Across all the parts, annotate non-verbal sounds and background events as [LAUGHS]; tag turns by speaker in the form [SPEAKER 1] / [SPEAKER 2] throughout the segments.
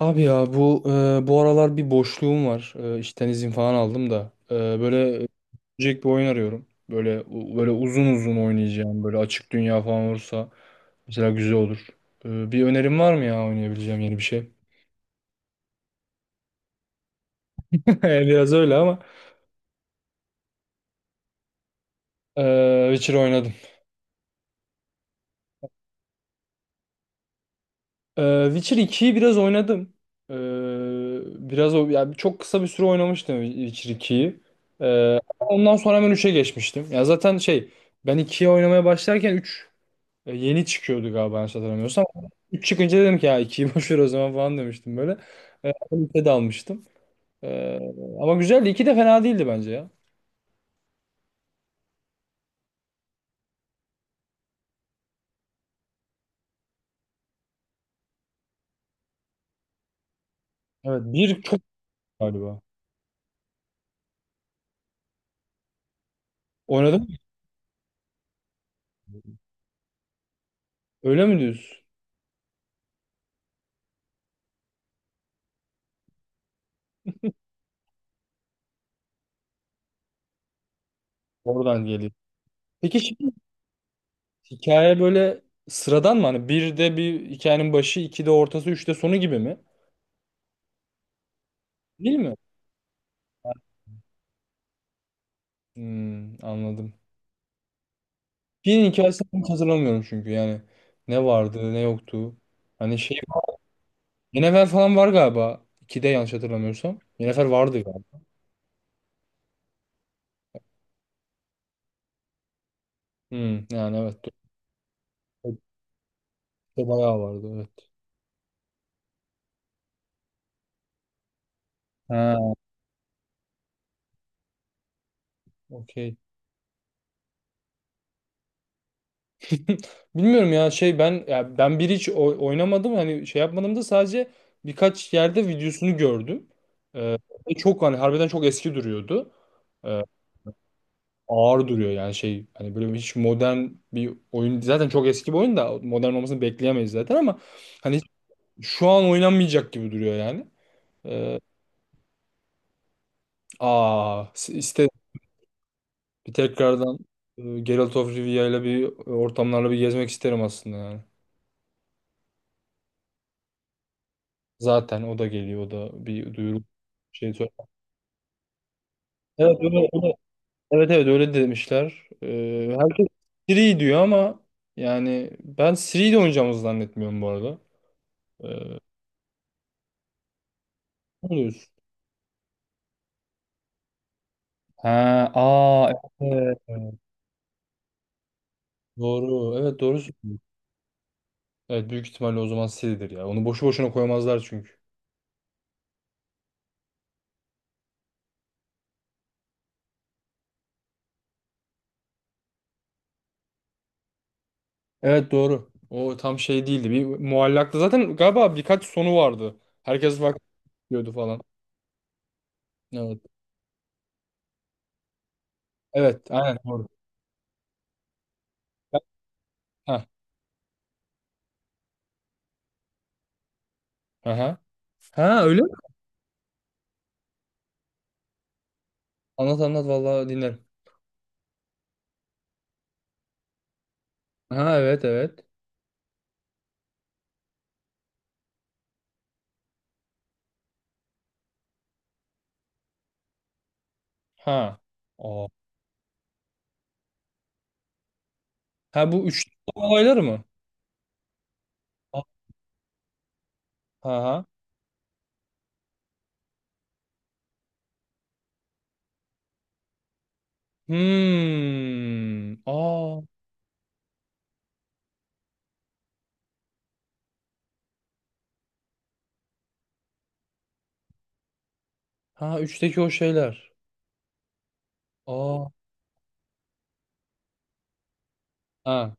[SPEAKER 1] Abi ya bu aralar bir boşluğum var. İşten izin falan aldım da. Böyle bir oyun arıyorum. Böyle böyle uzun uzun oynayacağım. Böyle açık dünya falan olursa mesela güzel olur. Bir önerim var mı ya oynayabileceğim yeni bir şey? [LAUGHS] Biraz öyle ama. E, Witcher oynadım. E, Witcher 2'yi biraz oynadım. E, Biraz o yani çok kısa bir süre oynamıştım Witcher 2'yi. Ondan sonra hemen 3'e geçmiştim. Ya zaten şey ben 2'ye oynamaya başlarken 3 yeni çıkıyordu galiba yanlış hatırlamıyorsam. 3 çıkınca dedim ki ya 2'yi [LAUGHS] boş ver o zaman falan demiştim böyle. Üçe de almıştım. E, Ama güzeldi. İki de fena değildi bence ya. Evet bir çok galiba. Oynadın mı? Öyle mi diyorsun? Oradan geliyor. Peki şimdi hikaye böyle sıradan mı? Hani bir de bir hikayenin başı, iki de ortası, üç de sonu gibi mi? Değil mi? Hmm, anladım. Birinin hikayesini hiç hatırlamıyorum çünkü yani. Ne vardı, ne yoktu. Hani şey Yennefer falan var galiba. 2'de yanlış hatırlamıyorsam. Yennefer vardı galiba. Hmm, yani evet. Doğru. İşte bayağı vardı evet. Ha, okey. [LAUGHS] Bilmiyorum ya şey ben bir hiç oynamadım hani şey yapmadım da sadece birkaç yerde videosunu gördüm. Ee, Ve çok hani harbiden çok eski duruyordu. Ee, Ağır duruyor yani şey hani böyle hiç modern bir oyun zaten çok eski bir oyun da modern olmasını bekleyemeyiz zaten ama hani hiç şu an oynanmayacak gibi duruyor yani. Ee, Aa iste bir tekrardan Geralt of Rivia'yla bir ortamlarla bir gezmek isterim aslında yani. Zaten o da geliyor, o da bir duyuru şey söyle. Evet öyle, evet evet öyle demişler. Herkes Siri diyor ama yani ben Siri ile oynayacağımızı zannetmiyorum bu arada. Ee, Ne diyorsun? Ha, aa evet. Doğru. Evet doğru. Söylüyorsun. Evet büyük ihtimalle o zaman Siri'dir ya. Onu boşu boşuna koymazlar çünkü. Evet doğru. O tam şey değildi. Bir muallaktı. Zaten galiba birkaç sonu vardı. Herkes bak diyordu falan. Evet. Evet. Aynen doğru. Ha. Aha. Ha öyle mi? Anlat anlat vallahi dinlerim. Ha evet evet. Ha. Aa. Ha bu üç olaylar mı? Ha. Ha. Hmm. Aa. Ha üçteki o şeyler. Aa. Ha.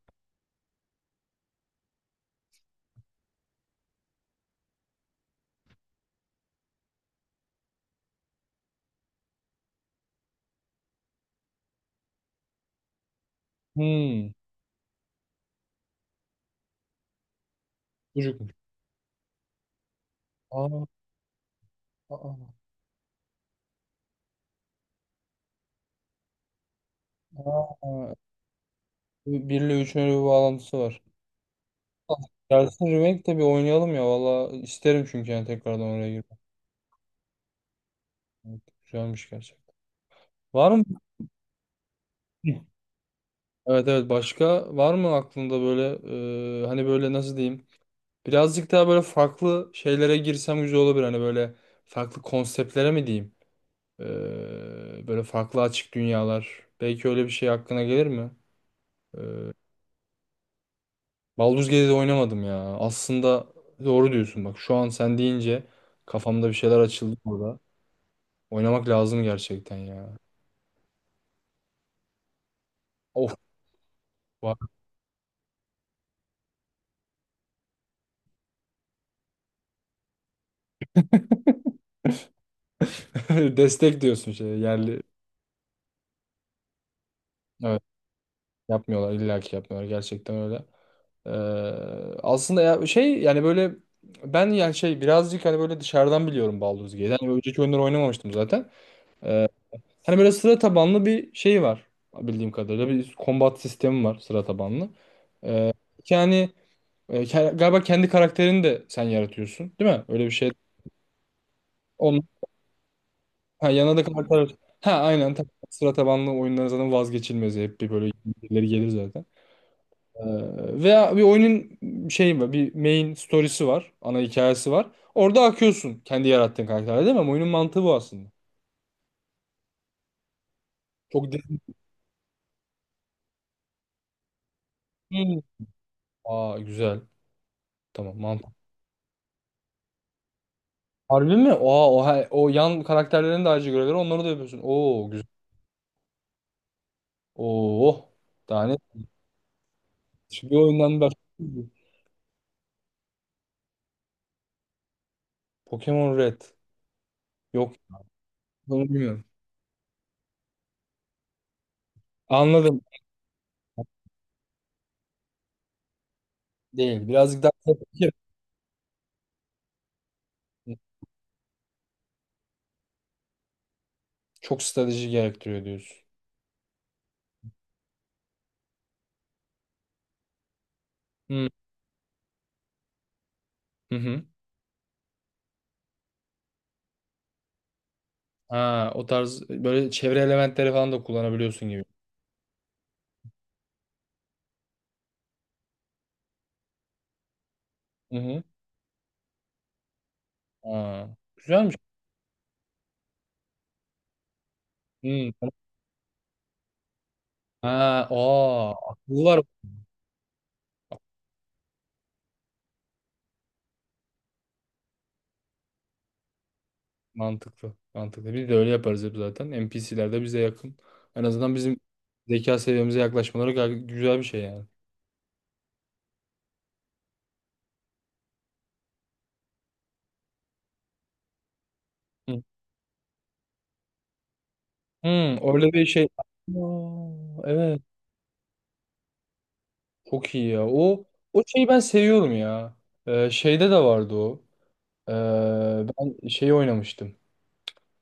[SPEAKER 1] Hmm. Çocukmuş. Aa. Aa. Aa. Bir ile üçün öyle bir bağlantısı var. Gelsin remake de bir oynayalım ya. Valla isterim çünkü yani tekrardan oraya girmek. Evet, güzelmiş gerçekten. Var mı? Evet evet başka var mı aklında böyle hani böyle nasıl diyeyim? Birazcık daha böyle farklı şeylere girsem güzel olabilir. Hani böyle farklı konseptlere mi diyeyim? Böyle farklı açık dünyalar. Belki öyle bir şey aklına gelir mi? E, Baldur's Gate'de oynamadım ya. Aslında doğru diyorsun bak. Şu an sen deyince kafamda bir şeyler açıldı burada. Oynamak lazım gerçekten ya. Of. Var. [LAUGHS] Destek diyorsun şey yerli. Evet. Yapmıyorlar. İlla ki yapmıyorlar. Gerçekten öyle. Ee, Aslında ya şey yani böyle ben yani şey birazcık hani böyle dışarıdan biliyorum Baldur's Gate'i. Hani önceki oyunları oynamamıştım zaten. Hani böyle sıra tabanlı bir şey var bildiğim kadarıyla. Bir combat sistemi var sıra tabanlı. Ee, Yani galiba kendi karakterini de sen yaratıyorsun değil mi? Öyle bir şey. Onun ha, yanına da karakter. Ha aynen tabii. Sıra tabanlı oyunların zaten vazgeçilmezi. Hep bir böyle birileri gelir zaten. Veya bir oyunun şeyi var, bir main story'si var, ana hikayesi var. Orada akıyorsun kendi yarattığın karakterle değil mi? Ama oyunun mantığı bu aslında. Çok derin. Aa güzel. Tamam mantık. Harbi mi? Aa o, o yan karakterlerin de ayrıca görevleri onları da yapıyorsun. Oo güzel. Oo. Daha ne? Şu bir oyundan bak. Pokemon Red. Yok. Bunu bilmiyorum. Anladım. Değil. Birazcık daha çok strateji gerektiriyor diyorsun. Hı hı. hı. Ha, o tarz böyle çevre elementleri falan da kullanabiliyorsun gibi. Hı hı. Ha, güzelmiş. Hmm. Ha, aa, akıllılar. Mantıklı. Mantıklı. Biz de öyle yaparız hep zaten. NPC'ler de bize yakın. En azından bizim zeka seviyemize yaklaşmaları gayet güzel bir şey yani. Hı. hı. Öyle bir şey. Aa, evet. Çok iyi ya. O şeyi ben seviyorum ya. Şeyde de vardı o. Ee, Ben şeyi oynamıştım.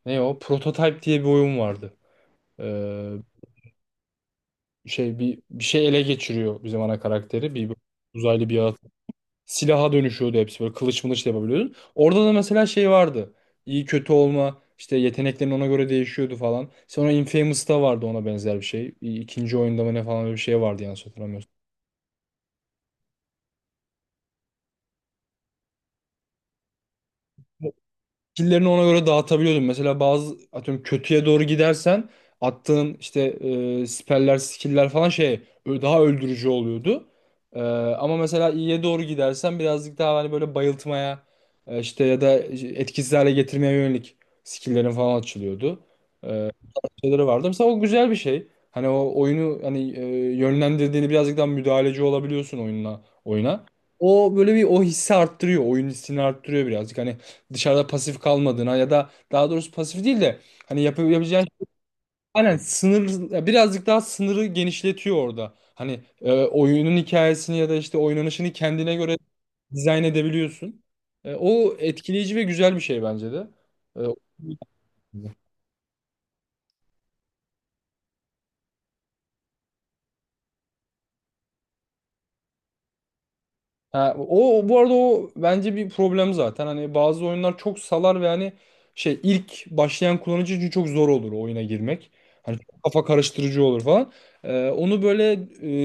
[SPEAKER 1] Ne o? Prototype diye bir oyun vardı. Ee, Şey bir şey ele geçiriyor bizim ana karakteri. Bir uzaylı bir yaratık. Silaha dönüşüyordu hepsi böyle kılıç mılıç da yapabiliyordun. Orada da mesela şey vardı. İyi kötü olma işte yeteneklerin ona göre değişiyordu falan. Sonra Infamous'ta vardı ona benzer bir şey. İkinci oyunda mı ne falan öyle bir şey vardı yanlış hatırlamıyorsam. Skill'lerini ona göre dağıtabiliyordum. Mesela bazı atıyorum kötüye doğru gidersen attığın işte spell'ler, skill'ler falan şey daha öldürücü oluyordu. E, Ama mesela iyiye doğru gidersen birazcık daha hani böyle bayıltmaya işte ya da etkisiz hale getirmeye yönelik skill'lerin falan açılıyordu şeyleri vardı. Mesela o güzel bir şey. Hani o oyunu hani yönlendirdiğini birazcık daha müdahaleci olabiliyorsun oyunla oyuna. O böyle bir o hissi arttırıyor. Oyun hissini arttırıyor birazcık. Hani dışarıda pasif kalmadığına ya da daha doğrusu pasif değil de hani yapabileceğin şey, aynen sınır birazcık daha sınırı genişletiyor orada. Hani oyunun hikayesini ya da işte oynanışını kendine göre dizayn edebiliyorsun. O etkileyici ve güzel bir şey bence de. E, Ha, bu arada o bence bir problem zaten. Hani bazı oyunlar çok salar ve hani şey ilk başlayan kullanıcı için çok zor olur o oyuna girmek. Hani çok kafa karıştırıcı olur falan. Onu böyle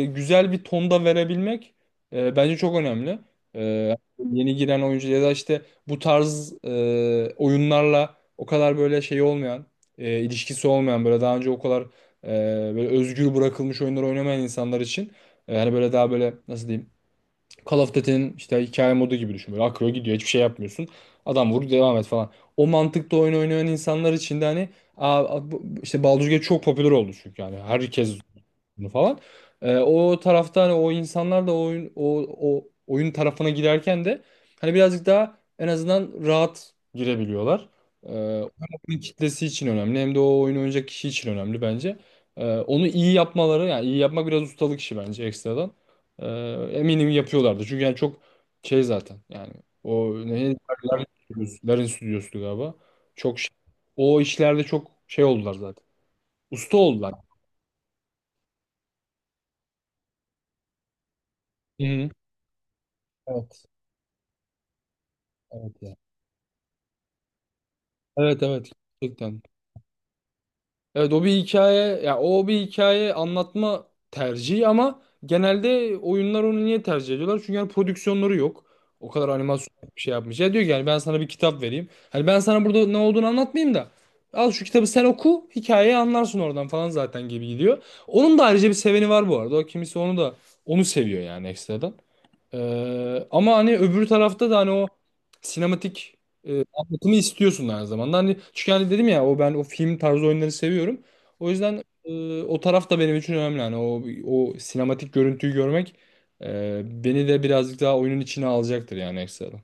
[SPEAKER 1] güzel bir tonda verebilmek bence çok önemli. Ee, Yeni giren oyuncu ya da işte bu tarz oyunlarla o kadar böyle şey olmayan, ilişkisi olmayan böyle daha önce o kadar e, böyle özgür bırakılmış oyunları oynamayan insanlar için hani böyle daha böyle nasıl diyeyim? Call of Duty'nin işte hikaye modu gibi düşün. Böyle akıyor gidiyor hiçbir şey yapmıyorsun. Adam vur devam et falan. O mantıkta oyun oynayan insanlar için de hani aa, işte Baldur's Gate çok popüler oldu çünkü yani herkes bunu falan. O tarafta hani o insanlar da o oyun tarafına girerken de hani birazcık daha en azından rahat girebiliyorlar. Ee, Hem oyun kitlesi için önemli hem de o oyunu oynayacak kişi için önemli bence. Onu iyi yapmaları yani iyi yapmak biraz ustalık işi bence ekstradan. Ee, Eminim yapıyorlardı. Çünkü yani çok şey zaten yani o ne Lerin Stüdyosu Lerin Stüdyosu'ydu galiba. Çok şey- o işlerde çok şey oldular zaten. Usta oldular. Hı hı. Evet. Evet. Evet evet gerçekten. Evet o bir hikaye anlatma tercihi ama genelde oyunlar onu niye tercih ediyorlar? Çünkü yani prodüksiyonları yok. O kadar animasyon bir şey yapmış. Ya diyor ki yani ben sana bir kitap vereyim. Hani ben sana burada ne olduğunu anlatmayayım da al şu kitabı sen oku hikayeyi anlarsın oradan falan zaten gibi gidiyor. Onun da ayrıca bir seveni var bu arada. O kimisi onu da onu seviyor yani ekstradan. Ama hani öbür tarafta da hani o sinematik anlatımı istiyorsun aynı zamanda. Hani çünkü hani dedim ya o ben o film tarzı oyunları seviyorum. O yüzden o taraf da benim için önemli. Hani o sinematik görüntüyü görmek beni de birazcık daha oyunun içine alacaktır yani ekstradan.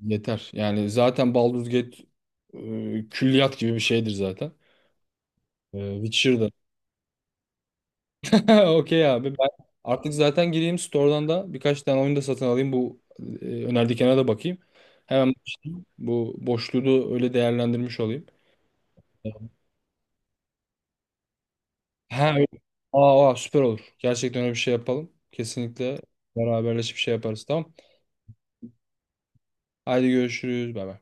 [SPEAKER 1] Yeter. Yani zaten Baldur's Gate külliyat gibi bir şeydir zaten. Witcher'da. [LAUGHS] Okey abi. Ben artık zaten gireyim store'dan da birkaç tane oyun da satın alayım. Bu önerdiklerine de bakayım. Hemen bu boşluğu da öyle değerlendirmiş olayım. Ha, öyle. Aa, aa, süper olur. Gerçekten öyle bir şey yapalım. Kesinlikle beraberleşip şey yaparız tamam. Haydi görüşürüz. Bay bay.